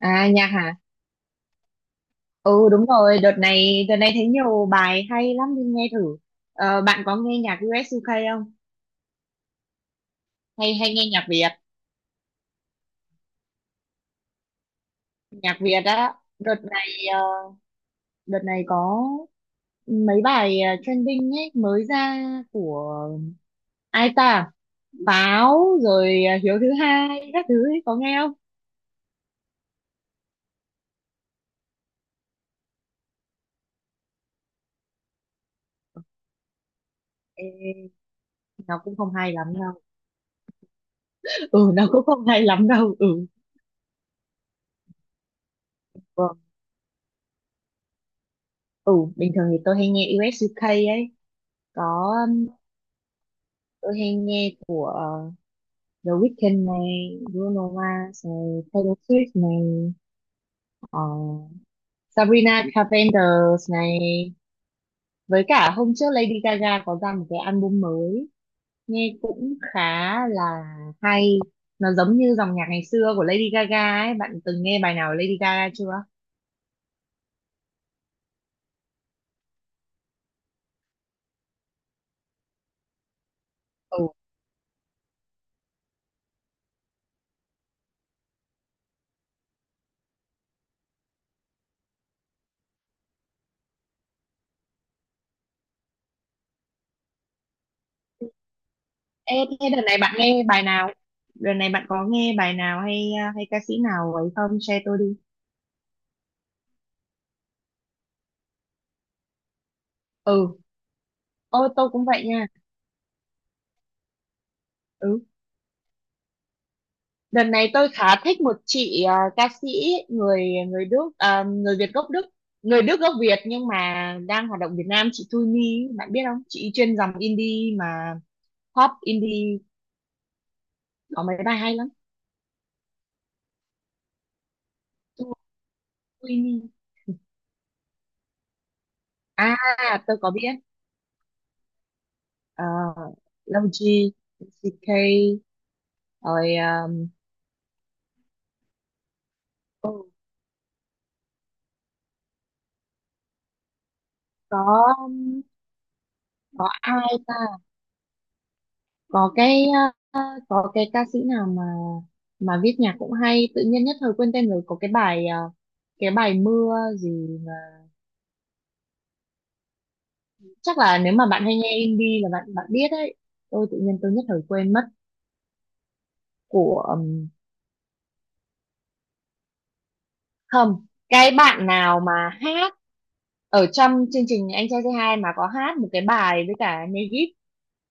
À nhạc hả? Ừ đúng rồi, đợt này thấy nhiều bài hay lắm nên nghe thử. Bạn có nghe nhạc US UK không? Hay hay nghe nhạc Việt? Nhạc Việt á, đợt này ờ, đợt này có mấy bài trending ấy mới ra của ai ta? Pháo rồi Hiếu thứ hai các thứ ấy, có nghe không? Ê, nó cũng không hay lắm đâu. Ừ nó cũng không hay lắm đâu. Ừ. Ừ, ừ bình thường thì tôi hay nghe US UK ấy. Có tôi hay nghe của The Weeknd này, Bruno Mars này, Taylor Swift này, ờ, Sabrina Carpenter này, với cả hôm trước Lady Gaga có ra một cái album mới nghe cũng khá là hay. Nó giống như dòng nhạc ngày xưa của Lady Gaga ấy, bạn từng nghe bài nào của Lady Gaga chưa? Ừ. Ê, thế đợt này bạn nghe bài nào? Đợt này bạn có nghe bài nào hay hay ca sĩ nào ấy không? Share tôi đi. Ừ, ôi tôi cũng vậy nha. Ừ, đợt này tôi khá thích một chị ca sĩ người người Đức à, người Việt gốc Đức, người Đức gốc Việt nhưng mà đang hoạt động Việt Nam. Chị Thu Nhi, bạn biết không? Chị chuyên dòng indie mà pop indie, có mấy bài hay lắm. Thu Nhi, à tôi có biết. Ờ, Logi, CK rồi à, có có ai ta? Có cái có cái ca sĩ nào mà viết nhạc cũng hay, tự nhiên nhất thời quên tên rồi, có cái bài cái bài mưa gì mà. Chắc là nếu mà bạn hay nghe indie là bạn bạn biết đấy, tôi tự nhiên tôi nhất thời quên mất của không, cái bạn nào mà hát ở trong chương trình Anh Trai Say Hi mà có hát một cái bài với cả Negip,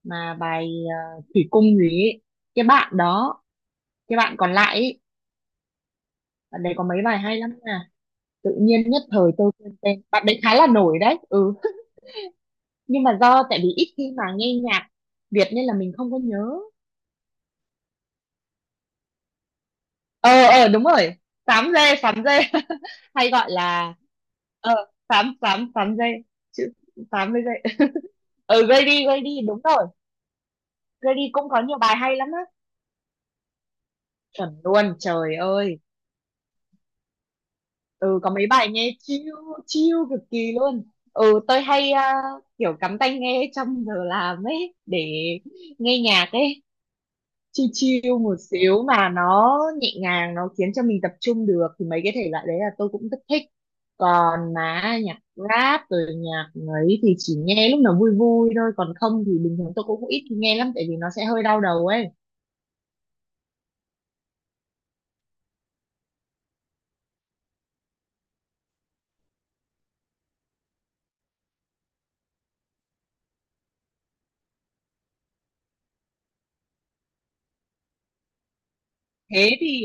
mà bài Thủy Cung gì ấy. Cái bạn đó, cái bạn còn lại ấy, bạn đấy có mấy bài hay lắm nè, tự nhiên nhất thời tôi quên tên, bạn đấy khá là nổi đấy. Ừ, nhưng mà do tại vì ít khi mà nghe nhạc Việt nên là mình không có nhớ. Ờ, ờ đúng rồi, sám dê sám dê. Hay gọi là ờ, sám sám sám dê, chữ sám với dê. Ừ, gây đi đúng rồi. Gây đi cũng có nhiều bài hay lắm á, chuẩn luôn, trời ơi. Ừ, có mấy bài nghe chill chill cực kỳ luôn. Ừ, tôi hay kiểu cắm tai nghe trong giờ làm ấy để nghe nhạc ấy, chill chill một xíu mà nó nhẹ nhàng, nó khiến cho mình tập trung được thì mấy cái thể loại đấy là tôi cũng rất thích. Còn mà nhạc rap rồi nhạc ấy thì chỉ nghe lúc nào vui vui thôi, còn không thì bình thường tôi cũng ít khi nghe lắm tại vì nó sẽ hơi đau đầu ấy. thế thì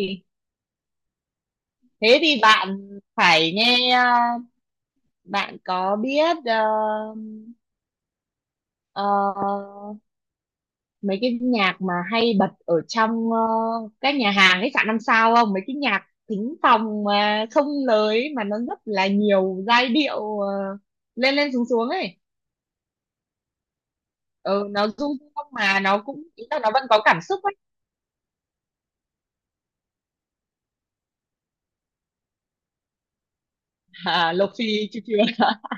thế thì bạn phải nghe bạn có biết ờ, mấy cái nhạc mà hay bật ở trong các nhà hàng khách sạn năm sao không, mấy cái nhạc thính phòng mà không lời ấy, mà nó rất là nhiều giai điệu lên lên xuống xuống ấy, ừ, nó du dương không mà nó cũng ý là nó vẫn có cảm xúc ấy. À, lộc phi chiêu chiêu.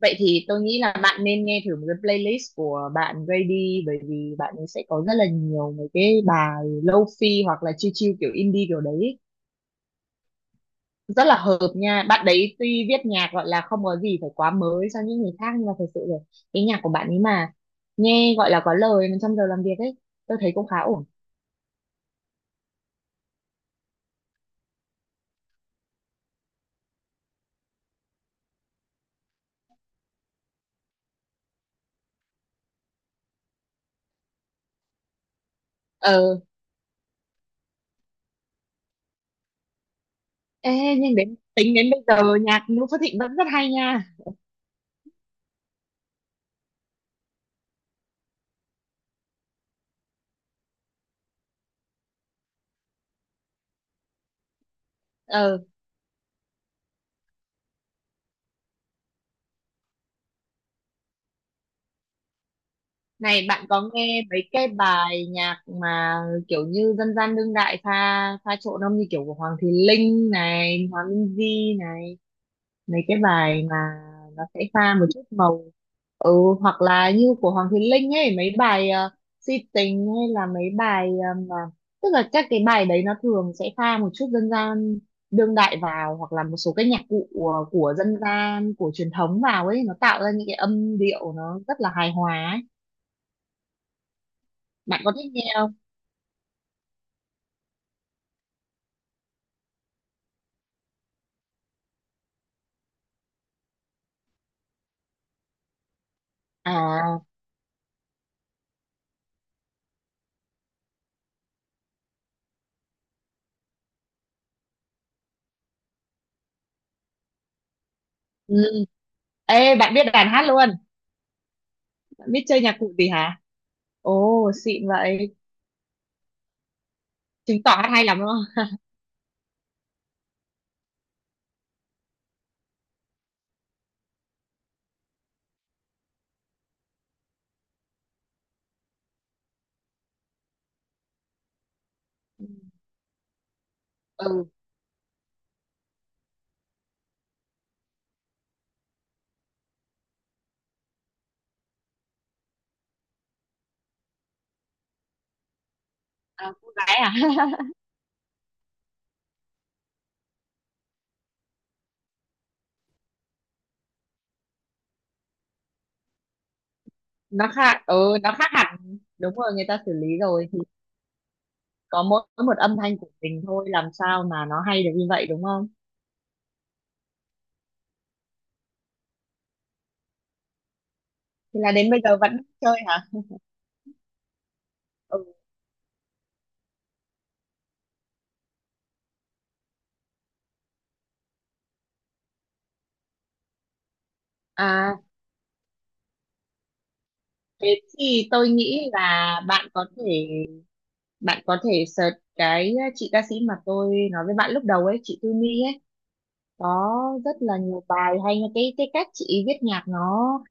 Vậy thì tôi nghĩ là bạn nên nghe thử một cái playlist của bạn Grady, bởi vì bạn ấy sẽ có rất là nhiều mấy cái bài fi hoặc là chill chill kiểu indie kiểu đấy, rất là hợp nha. Bạn đấy tuy viết nhạc gọi là không có gì phải quá mới cho những người khác, nhưng mà thật sự rồi, cái nhạc của bạn ấy mà nghe gọi là có lời mà trong giờ làm việc ấy, tôi thấy cũng khá ổn. Ờ. Ê, nhưng đến, tính đến bây giờ nhạc Noo Phước Thịnh vẫn rất hay nha. Ờ, này bạn có nghe mấy cái bài nhạc mà kiểu như dân gian đương đại pha pha trộn không, như kiểu của Hoàng Thùy Linh này, Hòa Minzy này, mấy cái bài mà nó sẽ pha một chút màu. Ừ, hoặc là như của Hoàng Thùy Linh ấy, mấy bài si tình, hay là mấy bài ờ, mà tức là các cái bài đấy nó thường sẽ pha một chút dân gian đương đại vào, hoặc là một số cái nhạc cụ của dân gian, của truyền thống vào ấy, nó tạo ra những cái âm điệu nó rất là hài hòa ấy. Bạn có thích nghe không? À, ừ. Ê, bạn biết đàn hát luôn, bạn biết chơi nhạc cụ gì hả? Ồ, xịn vậy, chứng tỏ hát hay lắm đúng không? Ừ. À, cô gái à. Nó khác, ừ nó khác hẳn, đúng rồi, người ta xử lý rồi thì có mỗi một âm thanh của mình thôi, làm sao mà nó hay được như vậy đúng không? Thì là đến bây giờ vẫn chơi hả? Ừ. À, thế thì tôi nghĩ là bạn có thể search cái chị ca sĩ mà tôi nói với bạn lúc đầu ấy, chị Tư mi ấy, có rất là nhiều bài hay nha. Cái cách chị viết nhạc nó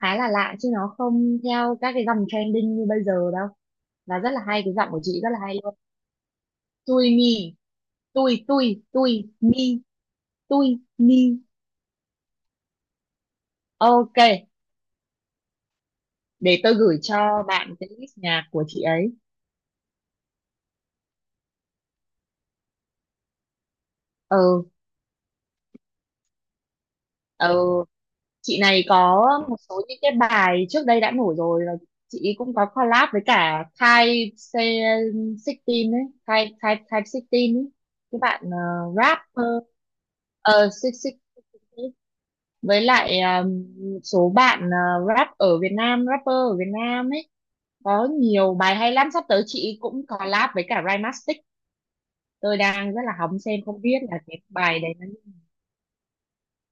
khá là lạ chứ nó không theo các cái dòng trending như bây giờ đâu, và rất là hay, cái giọng của chị rất là hay. Tui mi, tui tui, tui mi, tui mi, ok để tôi gửi cho bạn cái list nhạc của chị ấy. Ờ, ờ, chị này có một số những cái bài trước đây đã nổi rồi, và chị ấy cũng có collab với cả 16 ấy, Thai Thai Thai 16 ấy, cái bạn rapper, 16, với lại số bạn rap ở Việt Nam, rapper ở Việt Nam ấy, có nhiều bài hay lắm, sắp tới chị cũng collab với cả Rhymastic. Tôi đang rất là hóng xem không biết là cái bài đấy nó,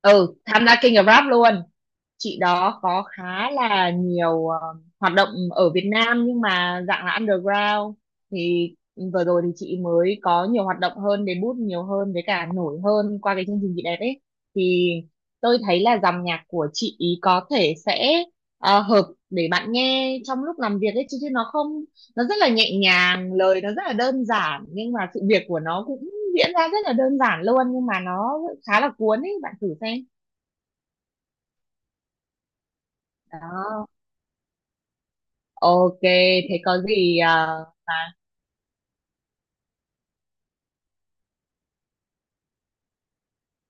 ừ tham gia King of Rap luôn. Chị đó có khá là nhiều hoạt động ở Việt Nam nhưng mà dạng là underground, thì vừa rồi thì chị mới có nhiều hoạt động hơn, debut nhiều hơn với cả nổi hơn qua cái chương trình chị đẹp ấy, thì tôi thấy là dòng nhạc của chị ý có thể sẽ hợp để bạn nghe trong lúc làm việc ấy, chứ, chứ nó không, nó rất là nhẹ nhàng, lời nó rất là đơn giản nhưng mà sự việc của nó cũng diễn ra rất là đơn giản luôn, nhưng mà nó khá là cuốn ấy, bạn thử xem. Đó. Ok, thế có gì à, mà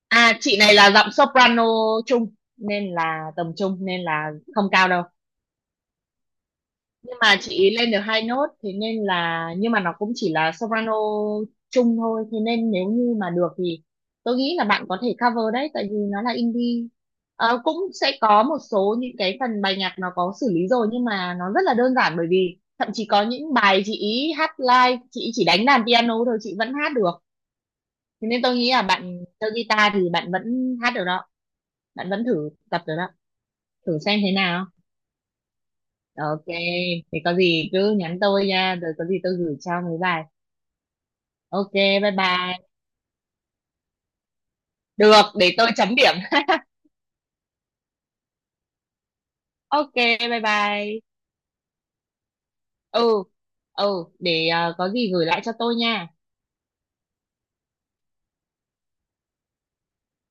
à, chị này là giọng soprano trung, nên là tầm trung nên là không cao đâu. Nhưng mà chị ý lên được 2 nốt, thế nên là nhưng mà nó cũng chỉ là soprano trung thôi, thế nên nếu như mà được thì tôi nghĩ là bạn có thể cover đấy tại vì nó là indie. Ờ, cũng sẽ có một số những cái phần bài nhạc nó có xử lý rồi nhưng mà nó rất là đơn giản, bởi vì thậm chí có những bài chị ý hát live, chị ý chỉ đánh đàn piano thôi, chị vẫn hát được. Thế nên tôi nghĩ là bạn chơi guitar thì bạn vẫn hát được đó, bạn vẫn thử tập được đó, thử xem thế nào. Ok, thì có gì cứ nhắn tôi nha, rồi có gì tôi gửi cho mấy bài. Ok, bye bye. Được, để tôi chấm điểm. Ok, bye bye. Ừ, ừ để có gì gửi lại cho tôi nha